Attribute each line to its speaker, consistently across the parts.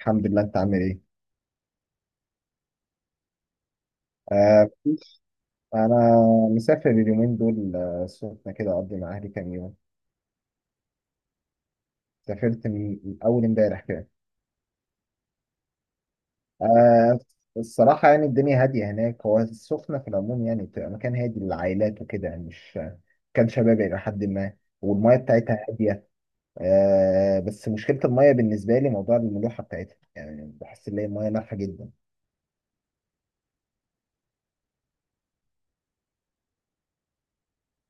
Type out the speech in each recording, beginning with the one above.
Speaker 1: الحمد لله، انت عامل ايه؟ آه. انا مسافر اليومين دول، السخنة كده اقضي مع اهلي كام يوم. سافرت من اول امبارح كده. آه. الصراحة يعني الدنيا هادية هناك، هو السخنة في العموم يعني بتبقى مكان هادي للعائلات وكده، يعني مش كان شبابي إلى حد ما، والمية بتاعتها هادية. آه، بس مشكلة المية بالنسبة لي موضوع الملوحة بتاعتها، يعني بحس ان هي المية مالحة جدا.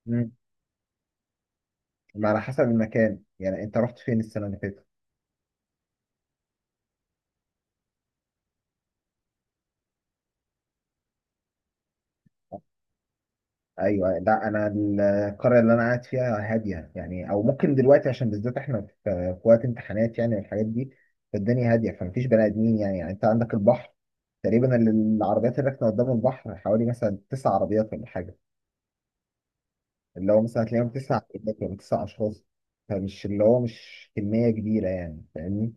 Speaker 1: مم. على حسب المكان، يعني انت رحت فين السنة اللي فاتت؟ ايوه. لا انا القريه اللي انا قاعد فيها هاديه يعني، او ممكن دلوقتي عشان بالذات احنا في وقت امتحانات يعني والحاجات دي، فالدنيا هاديه فمفيش بني ادمين يعني، يعني انت عندك البحر. تقريبا العربيات اللي راكنه قدام البحر حوالي مثلا 9 عربيات ولا حاجه، اللي هو مثلا هتلاقيهم 9 عربيات ولا 9 اشخاص. فمش اللي هو مش كميه كبيره يعني، فاهمني.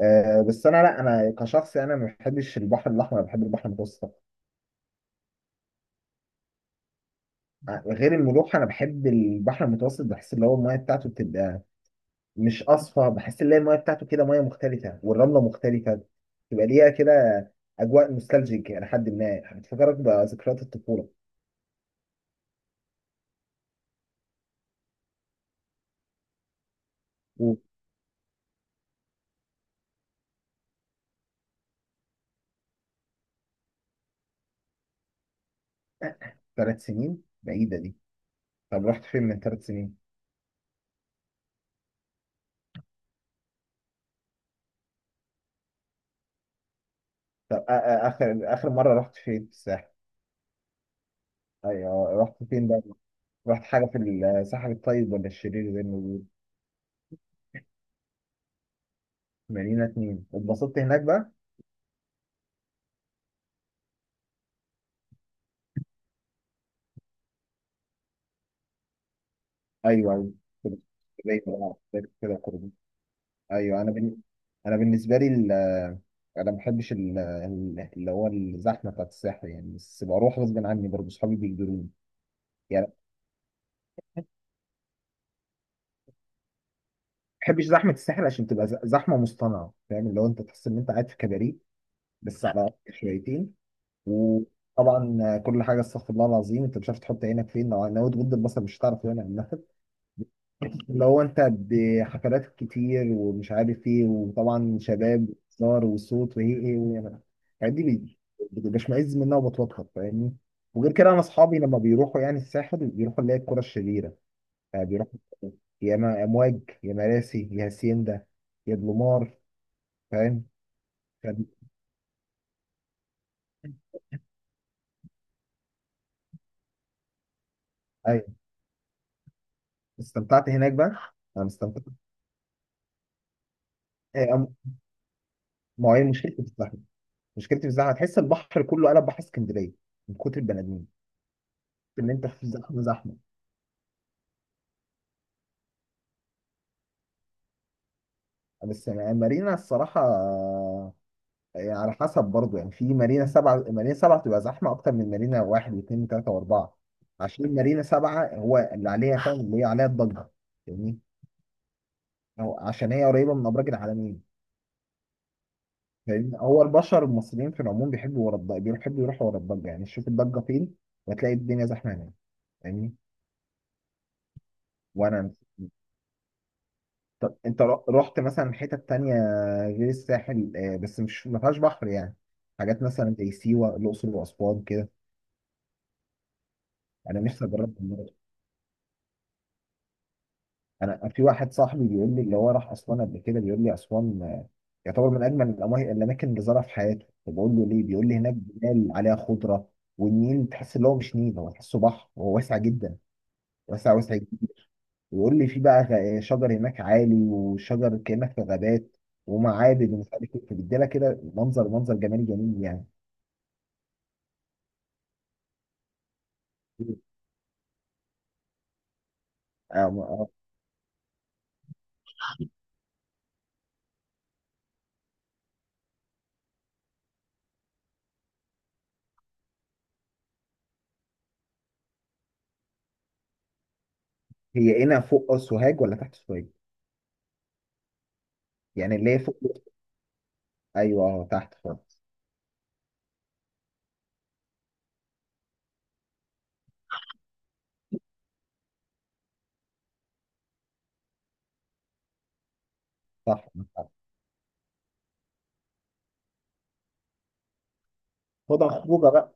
Speaker 1: آه بس انا، لا انا كشخص انا ما بحبش البحر الاحمر، أنا بحب البحر المتوسط أكتر. غير الملوحه، انا بحب البحر المتوسط، بحس اللي هو الميه بتاعته بتبقى مش اصفى، بحس ان هي المايه بتاعته كده مايه مختلفه والرمله مختلفه، تبقى ليها كده اجواء نوستالجيك الى حد ما، بتفكرك بذكريات الطفوله. وثلاث سنين بعيده دي. طب رحت فين من 3 سنين؟ طب اخر اخر مره رحت فين في الساحل؟ ايوه، رحت فين بقى؟ رحت حاجه في الساحل الطيب ولا الشرير زي ما بيقولوا؟ مارينا 2، اتبسطت هناك بقى؟ ايوه أيوة. كده، زي ما كده، كده. ايوه انا بالنسبه لي ال... انا ما بحبش اللي هو الزحمه بتاعت الساحل يعني، بس بروح غصب عني برضه، اصحابي بيجبروني. يعني ما بحبش زحمه الساحل عشان تبقى زحمه مصطنعه، فاهم اللي هو انت تحس ان انت قاعد في كباريه بس على قد شويتين. وطبعا كل حاجه استغفر الله العظيم، انت مش عارف تحط عينك فين، لو ناوي تغض البصر مش هتعرف يعني. اللي هو انت بحفلات كتير ومش عارف ايه، وطبعا شباب وهزار وصوت وايه ايه وايه. الحاجات دي بشمئز منها وبتوتر، فاهمني. وغير كده انا اصحابي لما بيروحوا يعني الساحل بيروحوا اللي هي الكرة الشريرة، يعني بيروحوا يا اما امواج يا مراسي يا هاسيندا يا بلومار، فاهم؟ فب- ايوه. استمتعت هناك بقى؟ انا استمتعت. إيه، ما هي مشكلتي في الزحمه. مشكلتي في الزحمه تحس البحر كله قلب بحر اسكندريه من كتر البني ادمين، ان انت في زحمه زحمه. بس يعني مارينا الصراحة، يعني على حسب برضه، يعني في مارينا 7، مارينا سبعة بتبقى زحمة أكتر من مارينا 1 و2 و3 و4، عشان مارينا 7 هو اللي عليها، فاهم اللي هي عليها الضجة؟ فاهمني، أو عشان هي قريبة من أبراج العالمين. فاهمني، هو البشر المصريين في العموم بيحبوا ورا الضجة، بيحبوا يروحوا ورا الضجة، يعني تشوف الضجة فين وتلاقي الدنيا زحمة هناك. فاهمني. وأنا طب أنت رحت، رحت مثلا حتت تانية غير الساحل، آه، بس مش ما فيهاش بحر يعني، حاجات مثلا زي سيوة، الأقصر وأسوان كده؟ انا نفسي اجربها برضه. انا في واحد صاحبي بيقول لي اللي هو راح اسوان قبل كده، بيقول لي اسوان آه، يعتبر من اجمل الاماكن اللي زارها في حياته. فبقول له ليه، بيقول لي هناك جبال عليها خضره، والنيل تحس اللي هو مش نيل، هو تحسه بحر، وهو واسع جدا، واسع واسع جدا. ويقول لي في بقى شجر هناك عالي، وشجر كانك في غابات، ومعابد ومش عارف ايه، فبيديلك كده منظر، منظر جمالي جميل يعني. آه، آه. هي هنا فوق سوهاج ولا تحت سوهاج؟ يعني اللي هي فوق؟ ايوه، آه، تحت خالص. صح، صح. خدها خروجه بقى.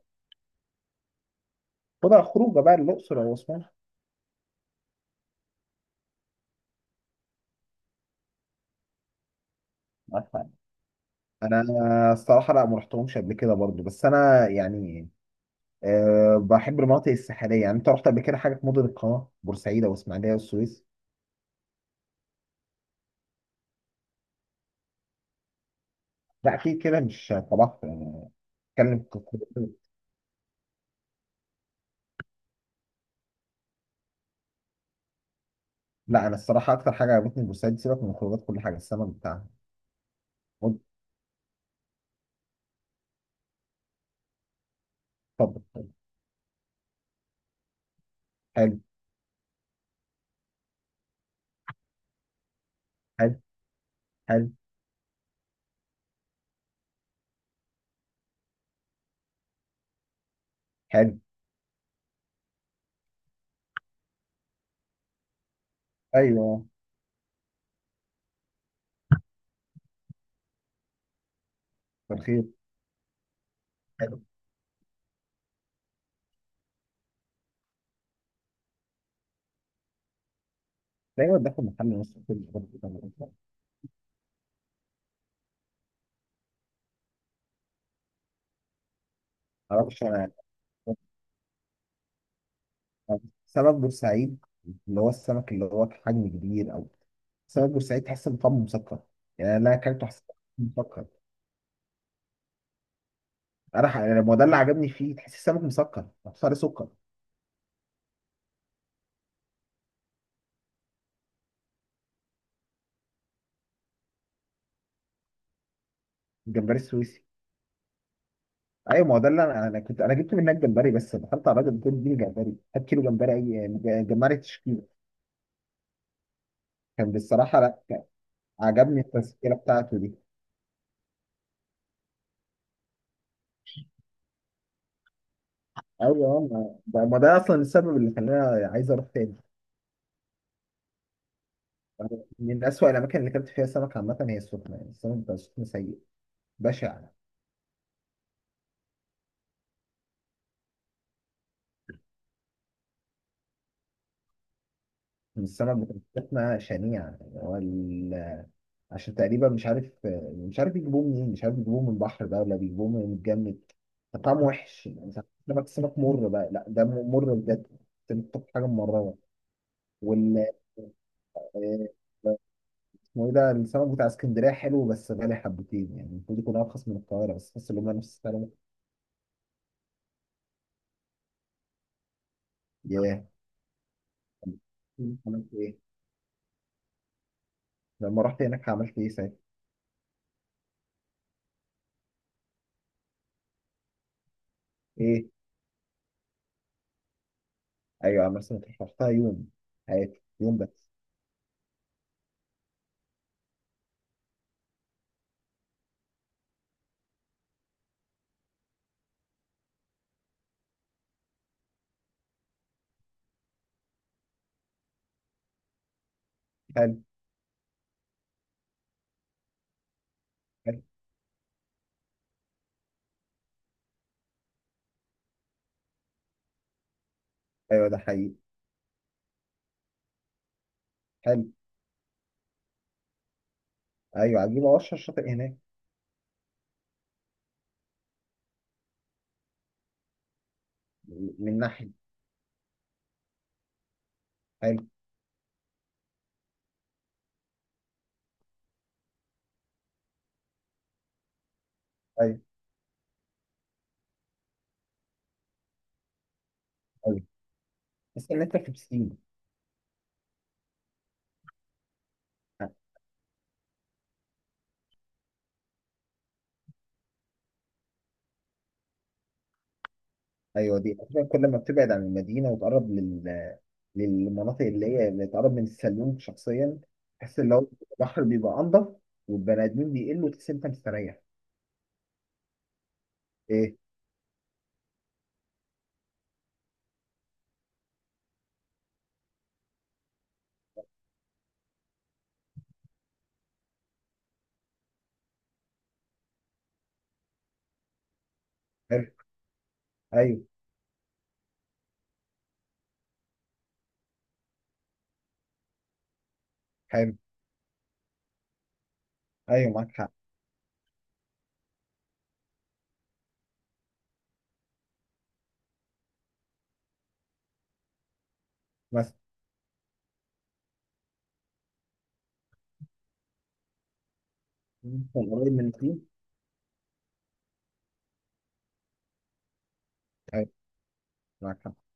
Speaker 1: خدها خروجه بقى الاقصر او اسوان. معاك حق. انا الصراحه لا ما رحتهمش قبل كده برضو، بس انا يعني أه بحب المناطق الساحليه. يعني انت رحت قبل كده حاجه في مدن القناه، بورسعيد او اسماعيليه والسويس؟ لا اكيد كده مش طبعت يعني. اتكلم في الخروجات. لا انا الصراحه اكتر حاجه عجبتني في بورسعيد، سيبك من الخروجات، كل حاجه السمك بتاعها. مد- طب، حلو، حلو. حلو. حلو. ايوه. بالخير. حلو. دايما داخل محل نص كل ما اعرفش انا. سمك بورسعيد اللي هو السمك اللي هو حجم كبير او سمك بورسعيد، تحس ان طعمه مسكر، يعني انا اكلته حسيت إنه مسكر. يعني ما هو ده اللي عجبني فيه، تحس السمك مسكر، صار سكر. الجمبري السويسي. ايوه ما هو ده اللي انا، انا كنت انا جبت منك جمبري، بس دخلت على الراجل قلت له اديني جمبري، هات كيلو جمبري اي جمبري تشكيله. كان بصراحه لا، عجبني التسكيله بتاعته دي. ايوه ما ده ما ده اصلا السبب اللي خلاني عايز اروح تاني. من اسوأ الاماكن اللي اكلت فيها سمك عامه هي السخنه، يعني السمك بتاع السخنه سيء، بشع. بس انا بتاعتنا شنيعه، يعني هو عشان تقريبا مش عارف، مش عارف يجيبوه منين، مش عارف يجيبوه من البحر بقى ولا بيجيبوه من الجمد، طعمه وحش يعني، ساعات سمك، سمك مر بقى، لا ده مر بجد، انت بتاكل حاجه ممرره. وال آه، اسمه ايه ده، السمك بتاع اسكندريه حلو بس غالي حبتين، يعني المفروض يكون ارخص من القاهره بس تحس ان هم نفس السعر. ياه. عملت ايه؟ لما رحت هناك عملت ايه ساعتها؟ ايه؟ ايوه، عملت سمك. رحتها يوم حياتي، يوم بس. حلو. حلو. ايوه، ده حقيقي. حلو. ايوه، عجيبه اشهر شاطئ هناك. من ناحيه. حلو. ايوه. ايوه، بس ان انت في بسين. ايوه دي أصلاً كل ما بتبعد عن المدينه وتقرب لل، للمناطق اللي هي اللي تقرب من السلوم شخصيا، تحس ان هو البحر بيبقى انضف، والبني ادمين بيقلوا، تحس إن انت مستريح. ايه. حلو. ايوه. حلو. ايوه، معاك حق. مثلا قريب من البسين. ايوه، معاك حق.